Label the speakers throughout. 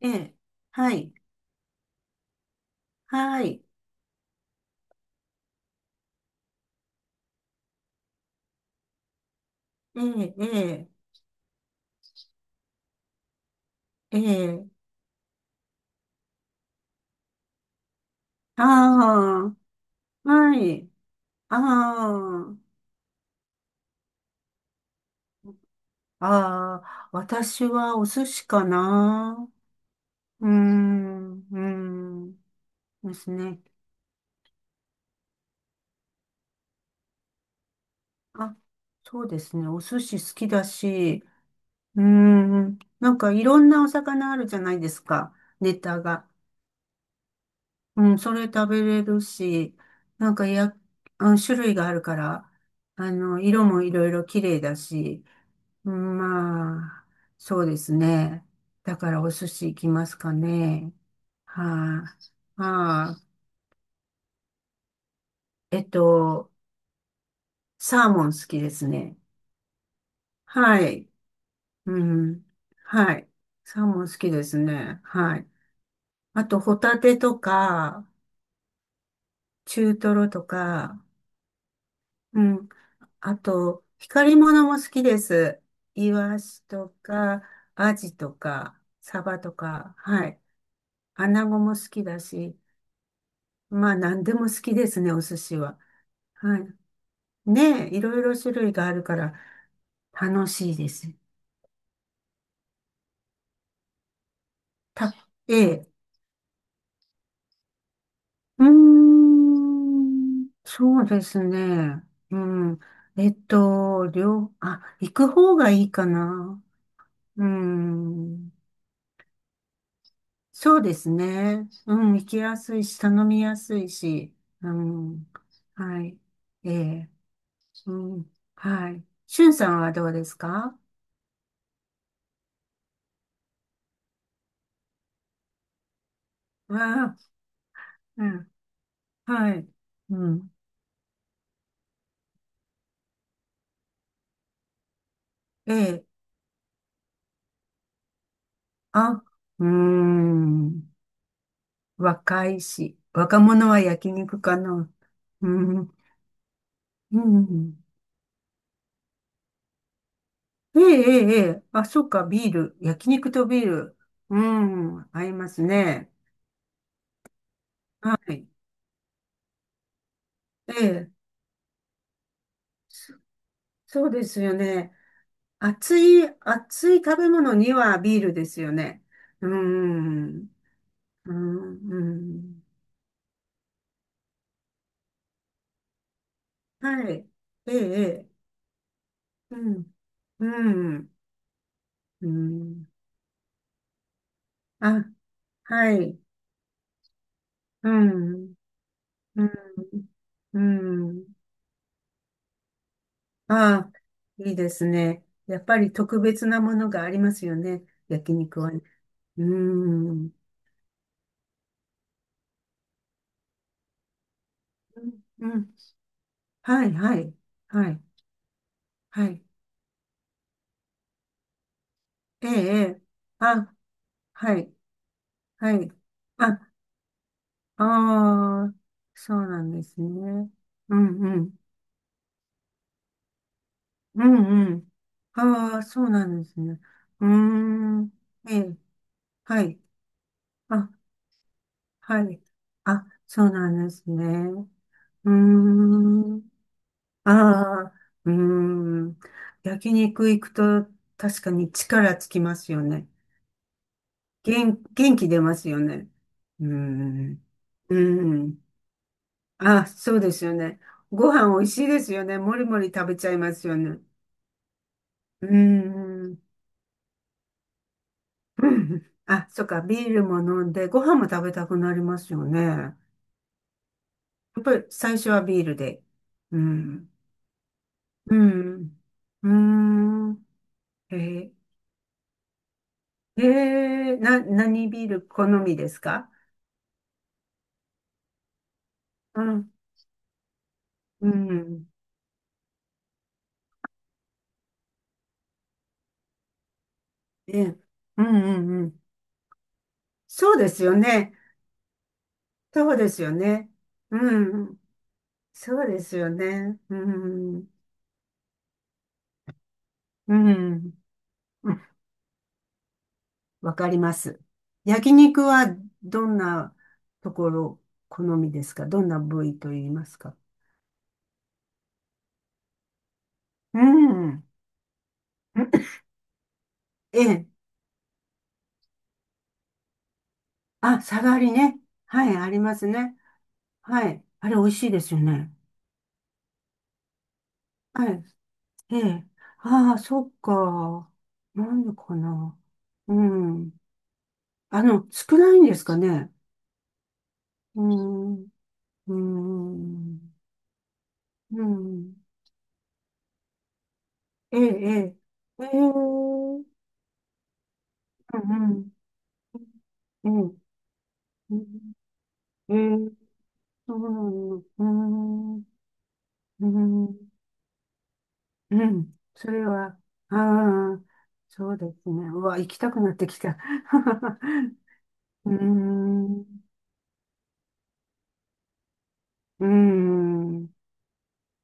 Speaker 1: ええ、はい、はい、ええ、ええ、ええ、ああ、はい、ああ、ああ、私はお寿司かな。うーん、うーん、ですね。あ、そうですね。お寿司好きだし、うーん、なんかいろんなお魚あるじゃないですか。ネタが。うん、それ食べれるし、なんかや、あの種類があるから、あの、色もいろいろ綺麗だし、まあ、そうですね。だからお寿司行きますかね。はい、はい、サーモン好きですね。はい。うん。はい。サーモン好きですね。はい。あと、ホタテとか、中トロとか、うん。あと、光り物も好きです。イワシとか、アジとか、サバとか、はい。アナゴも好きだし、まあ、何でも好きですね、お寿司は。はい。ねえ、いろいろ種類があるから楽しいです。た、ええ、うーん、そうですね。うん。行く方がいいかな。うん。そうですね。うん、行きやすいし、頼みやすいし。うん。はい。ええ、うん。はい。しゅんさんはどうですか？ああ、うん。はい。うん。ええ、あ、うーん、若いし、若者は焼肉かな。うん、うん。ええ、ええ、ええ、あ、そうか、ビール。焼肉とビール。うん、合いますね。はい。ええ、そそうですよね。熱い、熱い食べ物にはビールですよね。うん、うん、うん。はい。ええ、ええ、うん、うん、うん。あ、はい。うん、うん、うん。ああ、いいですね。やっぱり特別なものがありますよね。焼肉はね。うん、うん、うん。はい、はい、はい、はい。ええ、ええ、あ、はい、はい。あ、ああ、そうなんですね。うん、うん、うん、うん。ああ、そうなんですね。うーん、ええ、はい。あ、はい。あ、そうなんですね。うーん。ああ、うーん。焼肉行くと確かに力つきますよね。元気出ますよね。うーん。うーん。あ、そうですよね。ご飯美味しいですよね。もりもり食べちゃいますよね。うーん。うん、あ、そっか。ビールも飲んで、ご飯も食べたくなりますよね。やっぱり最初はビールで。うん。うん。うーん。えーええな、何ビール好みですか？うん、うん、ええ、うん、うん、うん。そうですよね。そうですよね。うん、そうですよね。うん、うん、うん、わかります。焼肉はどんなところ好みですか？どんな部位と言いますか？うん。ええ。あ、サガリね。はい、ありますね。はい。あれ、美味しいですよね。はい。ええ。ああ、そっか。なんでかな。うん。あの、少ないんですかね。うん。うん。うん。ええ、ええ。ええ。うんうん、ええ、ええ、そうなんうーん、うーん、うん、それは、ああ、そうですね。うわ、行きたくなってきた。うーん、うーん。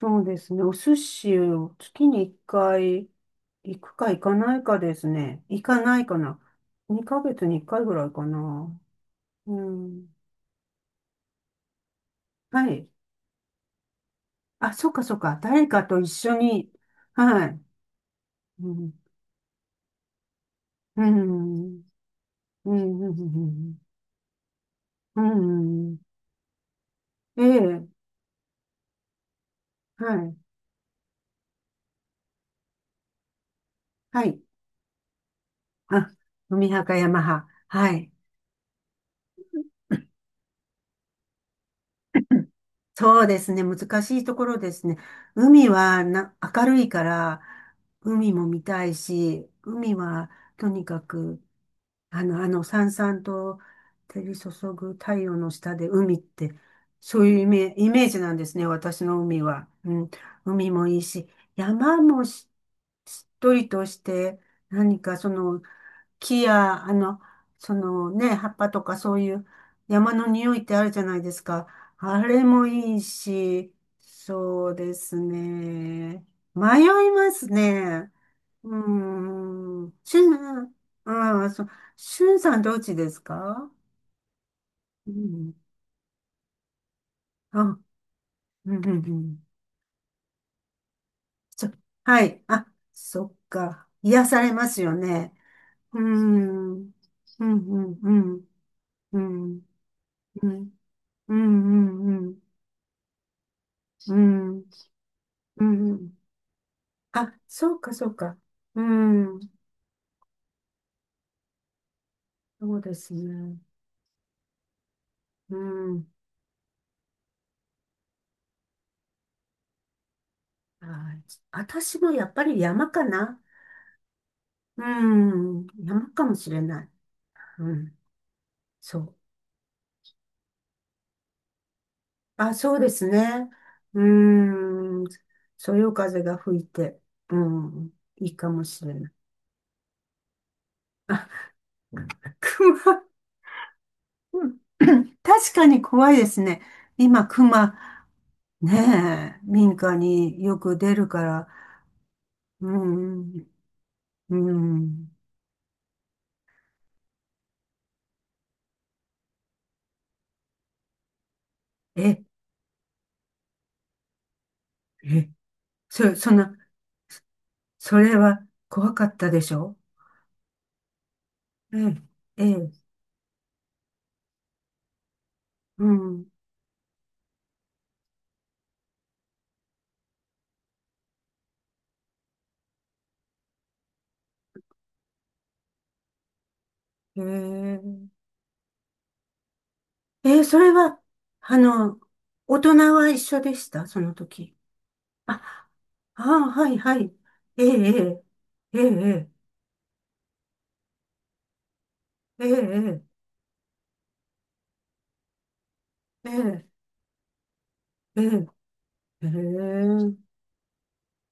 Speaker 1: そうですね。お寿司を月に1回行くか行かないかですね。行かないかな。2ヶ月に1回ぐらいかな。うん。はい。あ、そっかそっか。誰かと一緒に。はい。うん。うん。うん。うんうん。うん、ええ。はい。はい。あ、海派か山派。はい。そうですね。難しいところですね。海はな、明るいから、海も見たいし、海はとにかく、あの、あの、さんさんと照り注ぐ太陽の下で海って、そういうイメージなんですね。私の海は。うん。海もいいし、山もし、しっとりとして、何かその、木や、あの、そのね、葉っぱとかそういう山の匂いってあるじゃないですか。あれもいいし、そうですね。迷いますね。うーん。しゅん、ああ、そう、しゅんさんどっちですか？うん。あ、うんうんうん。そ、はい。あ、そっか。癒されますよね。うーん。うんうんうん。うん。うんうんうんうんうん。うん。あ、そうか、そうか。うん。そうですね。うん。はい。私もやっぱり山かな。うん。山かもしれない。うん。そう。あ、そうですね。うん。そよ風が吹いて、うん。いいかもしれない。熊。うん。 確かに怖いですね。今、熊。ねえ、民家によく出るから。うん。うん。え、え、そんな、それは怖かったでしょ？ええ、ええ、うん、ええ、ええ、それは、あの、大人は一緒でしたその時。あ、ああ、はい、はい。ええ、ええ、ええ、ええ、ええ、ええ、ええ、ええ、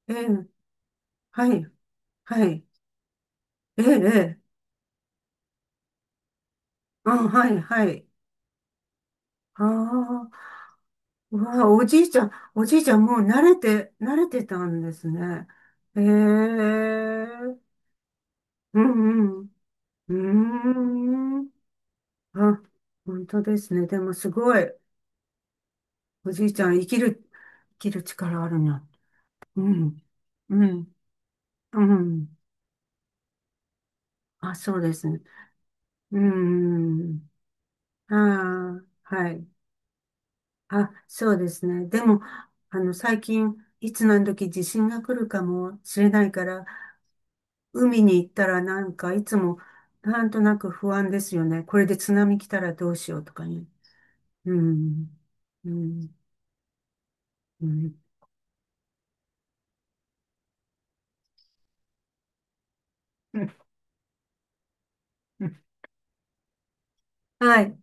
Speaker 1: ええ、はい、はい、ええ、ええ、あ、はい、はい。ああ、うわ、おじいちゃんもう慣れてたんですね。へえ、うんうん。うーん。あ、本当ですね。でもすごい、おじいちゃん生きる、生きる力あるな。うん、うん、うん。あ、そうですね。うん。ああ、はい。あ、そうですね。でも、あの、最近、いつ何時地震が来るかもしれないから、海に行ったらなんかいつもなんとなく不安ですよね。これで津波来たらどうしようとかね。うん。うん。うん。はい。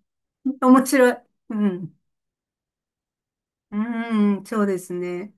Speaker 1: 面白い。うん。うん。そうですね。